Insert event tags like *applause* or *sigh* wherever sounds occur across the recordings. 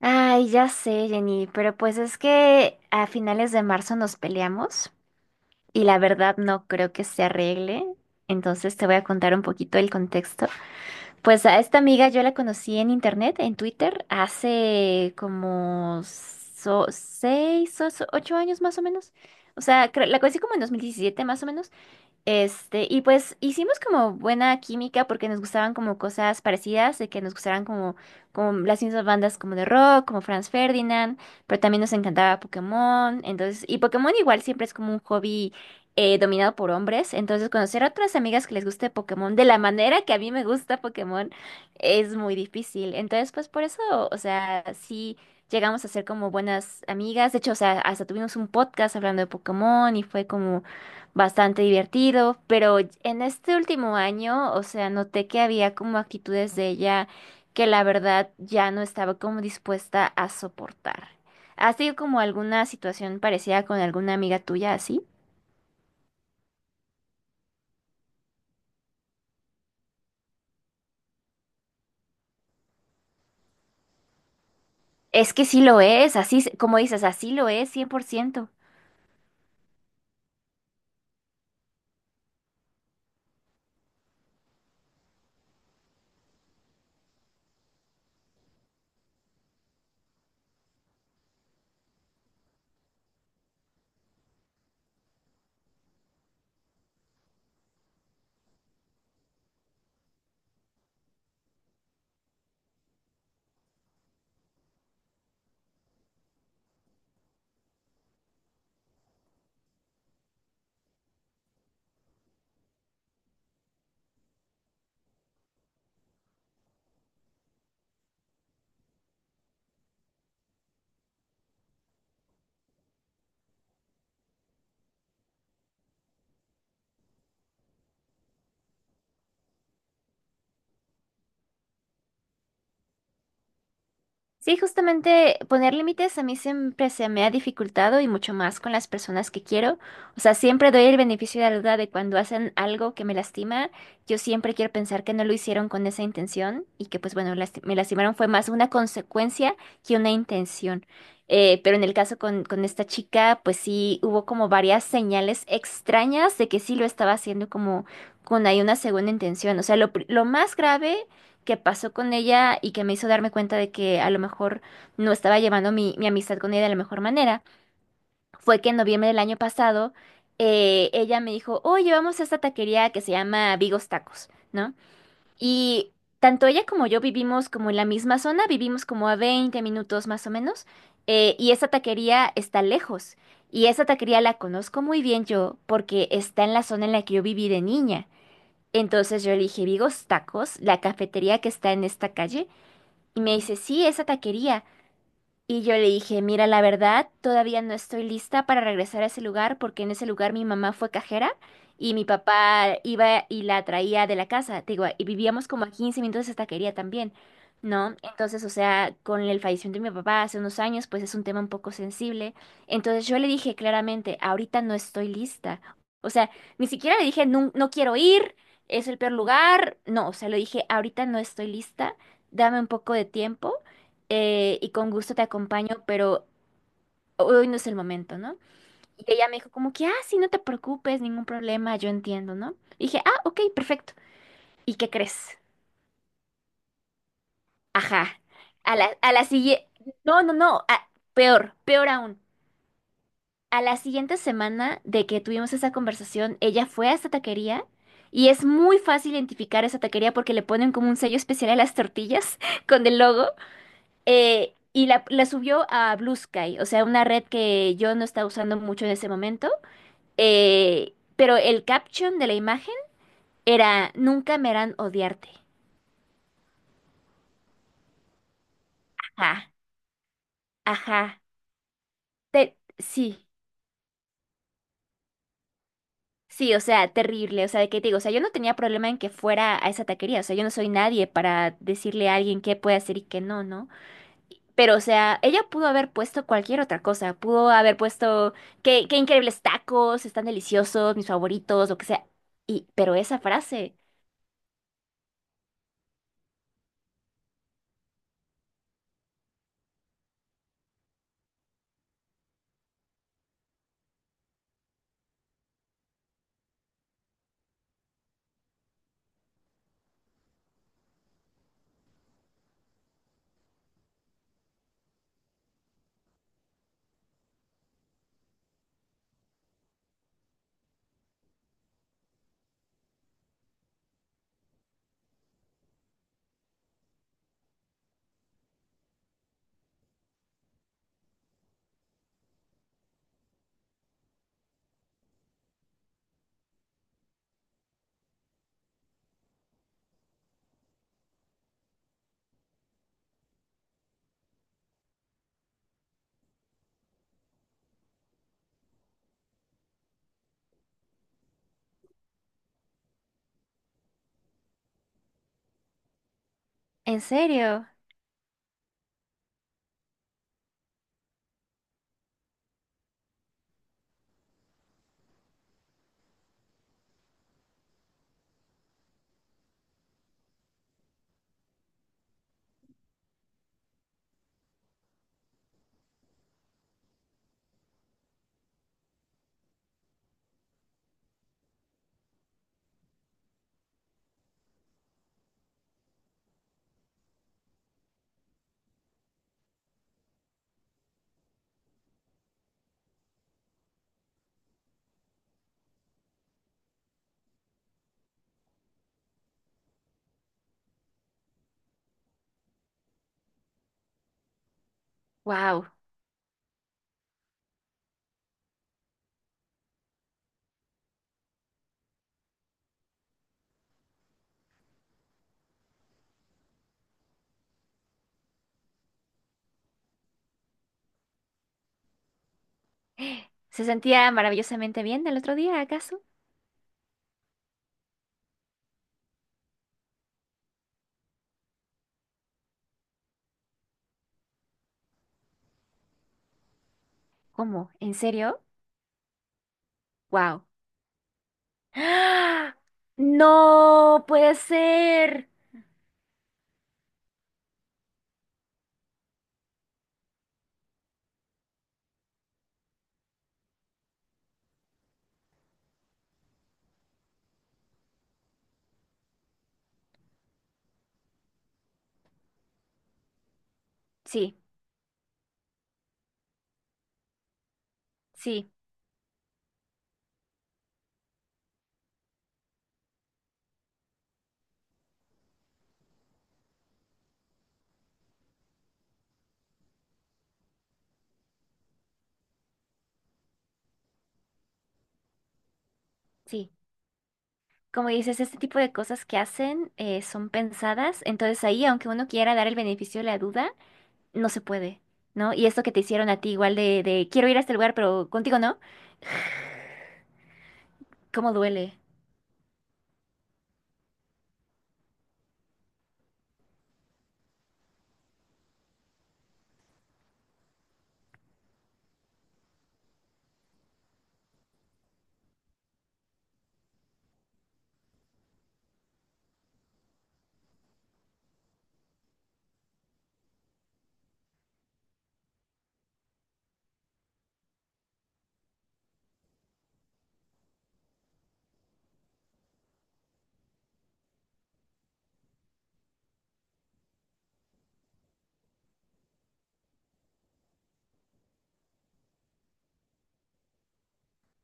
Ay, ya sé, Jenny, pero pues es que a finales de marzo nos peleamos y la verdad no creo que se arregle. Entonces te voy a contar un poquito el contexto. Pues a esta amiga yo la conocí en internet, en Twitter, hace como 6 o 8 años más o menos. O sea, la conocí como en 2017 más o menos. Y pues hicimos como buena química porque nos gustaban como cosas parecidas, de que nos gustaran como, como las mismas bandas como de rock, como Franz Ferdinand, pero también nos encantaba Pokémon, entonces, y Pokémon igual siempre es como un hobby dominado por hombres, entonces conocer a otras amigas que les guste Pokémon de la manera que a mí me gusta Pokémon es muy difícil, entonces pues por eso, o sea, sí llegamos a ser como buenas amigas, de hecho, o sea, hasta tuvimos un podcast hablando de Pokémon y fue como bastante divertido, pero en este último año, o sea, noté que había como actitudes de ella que la verdad ya no estaba como dispuesta a soportar. ¿Has tenido como alguna situación parecida con alguna amiga tuya así? Es que sí lo es, así, como dices, así lo es, 100%. Sí, justamente poner límites a mí siempre se me ha dificultado y mucho más con las personas que quiero. O sea, siempre doy el beneficio de la duda de cuando hacen algo que me lastima. Yo siempre quiero pensar que no lo hicieron con esa intención y que pues bueno, me lastimaron fue más una consecuencia que una intención. Pero en el caso con esta chica, pues sí hubo como varias señales extrañas de que sí lo estaba haciendo como con ahí una segunda intención. O sea, lo más grave que pasó con ella y que me hizo darme cuenta de que a lo mejor no estaba llevando mi amistad con ella de la mejor manera, fue que en noviembre del año pasado ella me dijo, oye, vamos a esta taquería que se llama Vigos Tacos, ¿no? Y tanto ella como yo vivimos como en la misma zona, vivimos como a 20 minutos más o menos, y esa taquería está lejos. Y esa taquería la conozco muy bien yo porque está en la zona en la que yo viví de niña. Entonces yo le dije, Vigos Tacos, la cafetería que está en esta calle, y me dice, sí, esa taquería. Y yo le dije, mira, la verdad, todavía no estoy lista para regresar a ese lugar porque en ese lugar mi mamá fue cajera y mi papá iba y la traía de la casa. Te digo, y vivíamos como a 15 minutos de esa taquería también, ¿no? Entonces, o sea, con el fallecimiento de mi papá hace unos años, pues es un tema un poco sensible. Entonces yo le dije claramente, ahorita no estoy lista. O sea, ni siquiera le dije, no, no quiero ir, es el peor lugar. No, o sea, le dije, ahorita no estoy lista, dame un poco de tiempo y con gusto te acompaño, pero hoy no es el momento, ¿no? Y ella me dijo como que, ah, sí, no te preocupes, ningún problema, yo entiendo, ¿no? Y dije, ah, ok, perfecto. ¿Y qué crees? Ajá. A la siguiente, no, no, no, ah, peor, peor aún. A la siguiente semana de que tuvimos esa conversación, ella fue a esta taquería. Y es muy fácil identificar esa taquería porque le ponen como un sello especial a las tortillas *laughs* con el logo. Y la subió a Blue Sky, o sea, una red que yo no estaba usando mucho en ese momento. Pero el caption de la imagen era, nunca me harán odiarte. Ajá, ajá. Sí, sí, o sea, terrible. O sea, de qué te digo, o sea, yo no tenía problema en que fuera a esa taquería. O sea, yo no soy nadie para decirle a alguien qué puede hacer y qué no, ¿no? Pero, o sea, ella pudo haber puesto cualquier otra cosa. Pudo haber puesto qué, qué increíbles tacos, están deliciosos, mis favoritos, lo que sea. Y, pero esa frase, en serio, wow. ¿Se sentía maravillosamente bien del otro día, acaso? ¿Cómo? ¿En serio? Wow. ¡Ah! No puede ser. Sí, sí, sí. Como dices, este tipo de cosas que hacen son pensadas. Entonces ahí, aunque uno quiera dar el beneficio de la duda, no se puede, ¿no? Y esto que te hicieron a ti igual de quiero ir a este lugar, pero contigo no, *laughs* ¿cómo duele?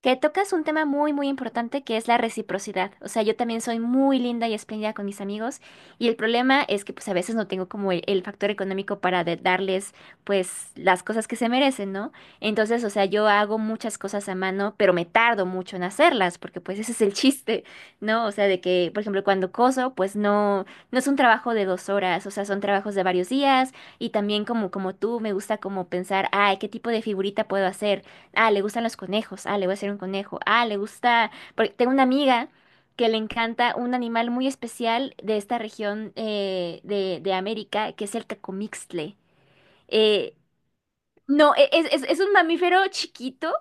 Que tocas un tema muy, muy importante que es la reciprocidad. O sea, yo también soy muy linda y espléndida con mis amigos y el problema es que pues a veces no tengo como el factor económico para darles pues las cosas que se merecen, ¿no? Entonces, o sea, yo hago muchas cosas a mano, pero me tardo mucho en hacerlas porque pues ese es el *laughs* chiste, ¿no? O sea, de que, por ejemplo, cuando coso, pues no, no es un trabajo de 2 horas, o sea, son trabajos de varios días y también como, como tú me gusta como pensar, ay, ¿qué tipo de figurita puedo hacer? Ah, le gustan los conejos. Ah, le voy a hacer un conejo. Ah, le gusta. Porque tengo una amiga que le encanta un animal muy especial de esta región de América, que es el cacomixtle. Eh, no, es, es un mamífero chiquito,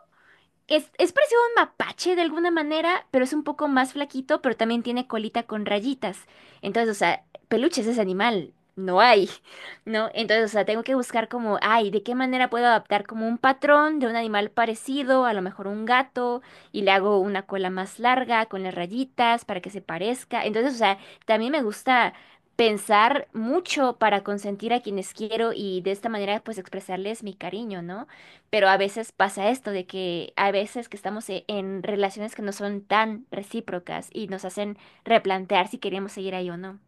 es parecido a un mapache de alguna manera, pero es un poco más flaquito, pero también tiene colita con rayitas. Entonces, o sea, peluches de ese animal. No hay, *laughs* ¿no? Entonces, o sea, tengo que buscar como, ay, ¿de qué manera puedo adaptar como un patrón de un animal parecido, a lo mejor un gato, y le hago una cola más larga con las rayitas para que se parezca? Entonces, o sea, también me gusta pensar mucho para consentir a quienes quiero y de esta manera pues expresarles mi cariño, ¿no? Pero a veces pasa esto de que a veces que estamos en relaciones que no son tan recíprocas y nos hacen replantear si queremos seguir ahí o no.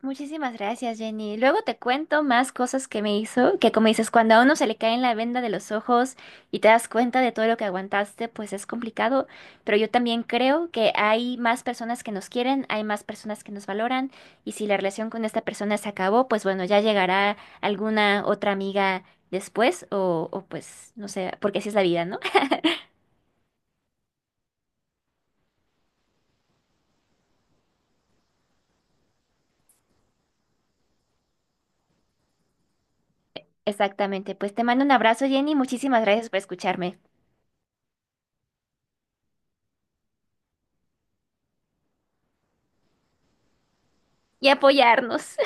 Muchísimas gracias, Jenny. Luego te cuento más cosas que me hizo, que como dices, cuando a uno se le cae en la venda de los ojos y te das cuenta de todo lo que aguantaste, pues es complicado, pero yo también creo que hay más personas que nos quieren, hay más personas que nos valoran y si la relación con esta persona se acabó, pues bueno, ya llegará alguna otra amiga después o pues no sé, porque así es la vida, ¿no? *laughs* Exactamente, pues te mando un abrazo, Jenny, muchísimas gracias por escucharme y apoyarnos.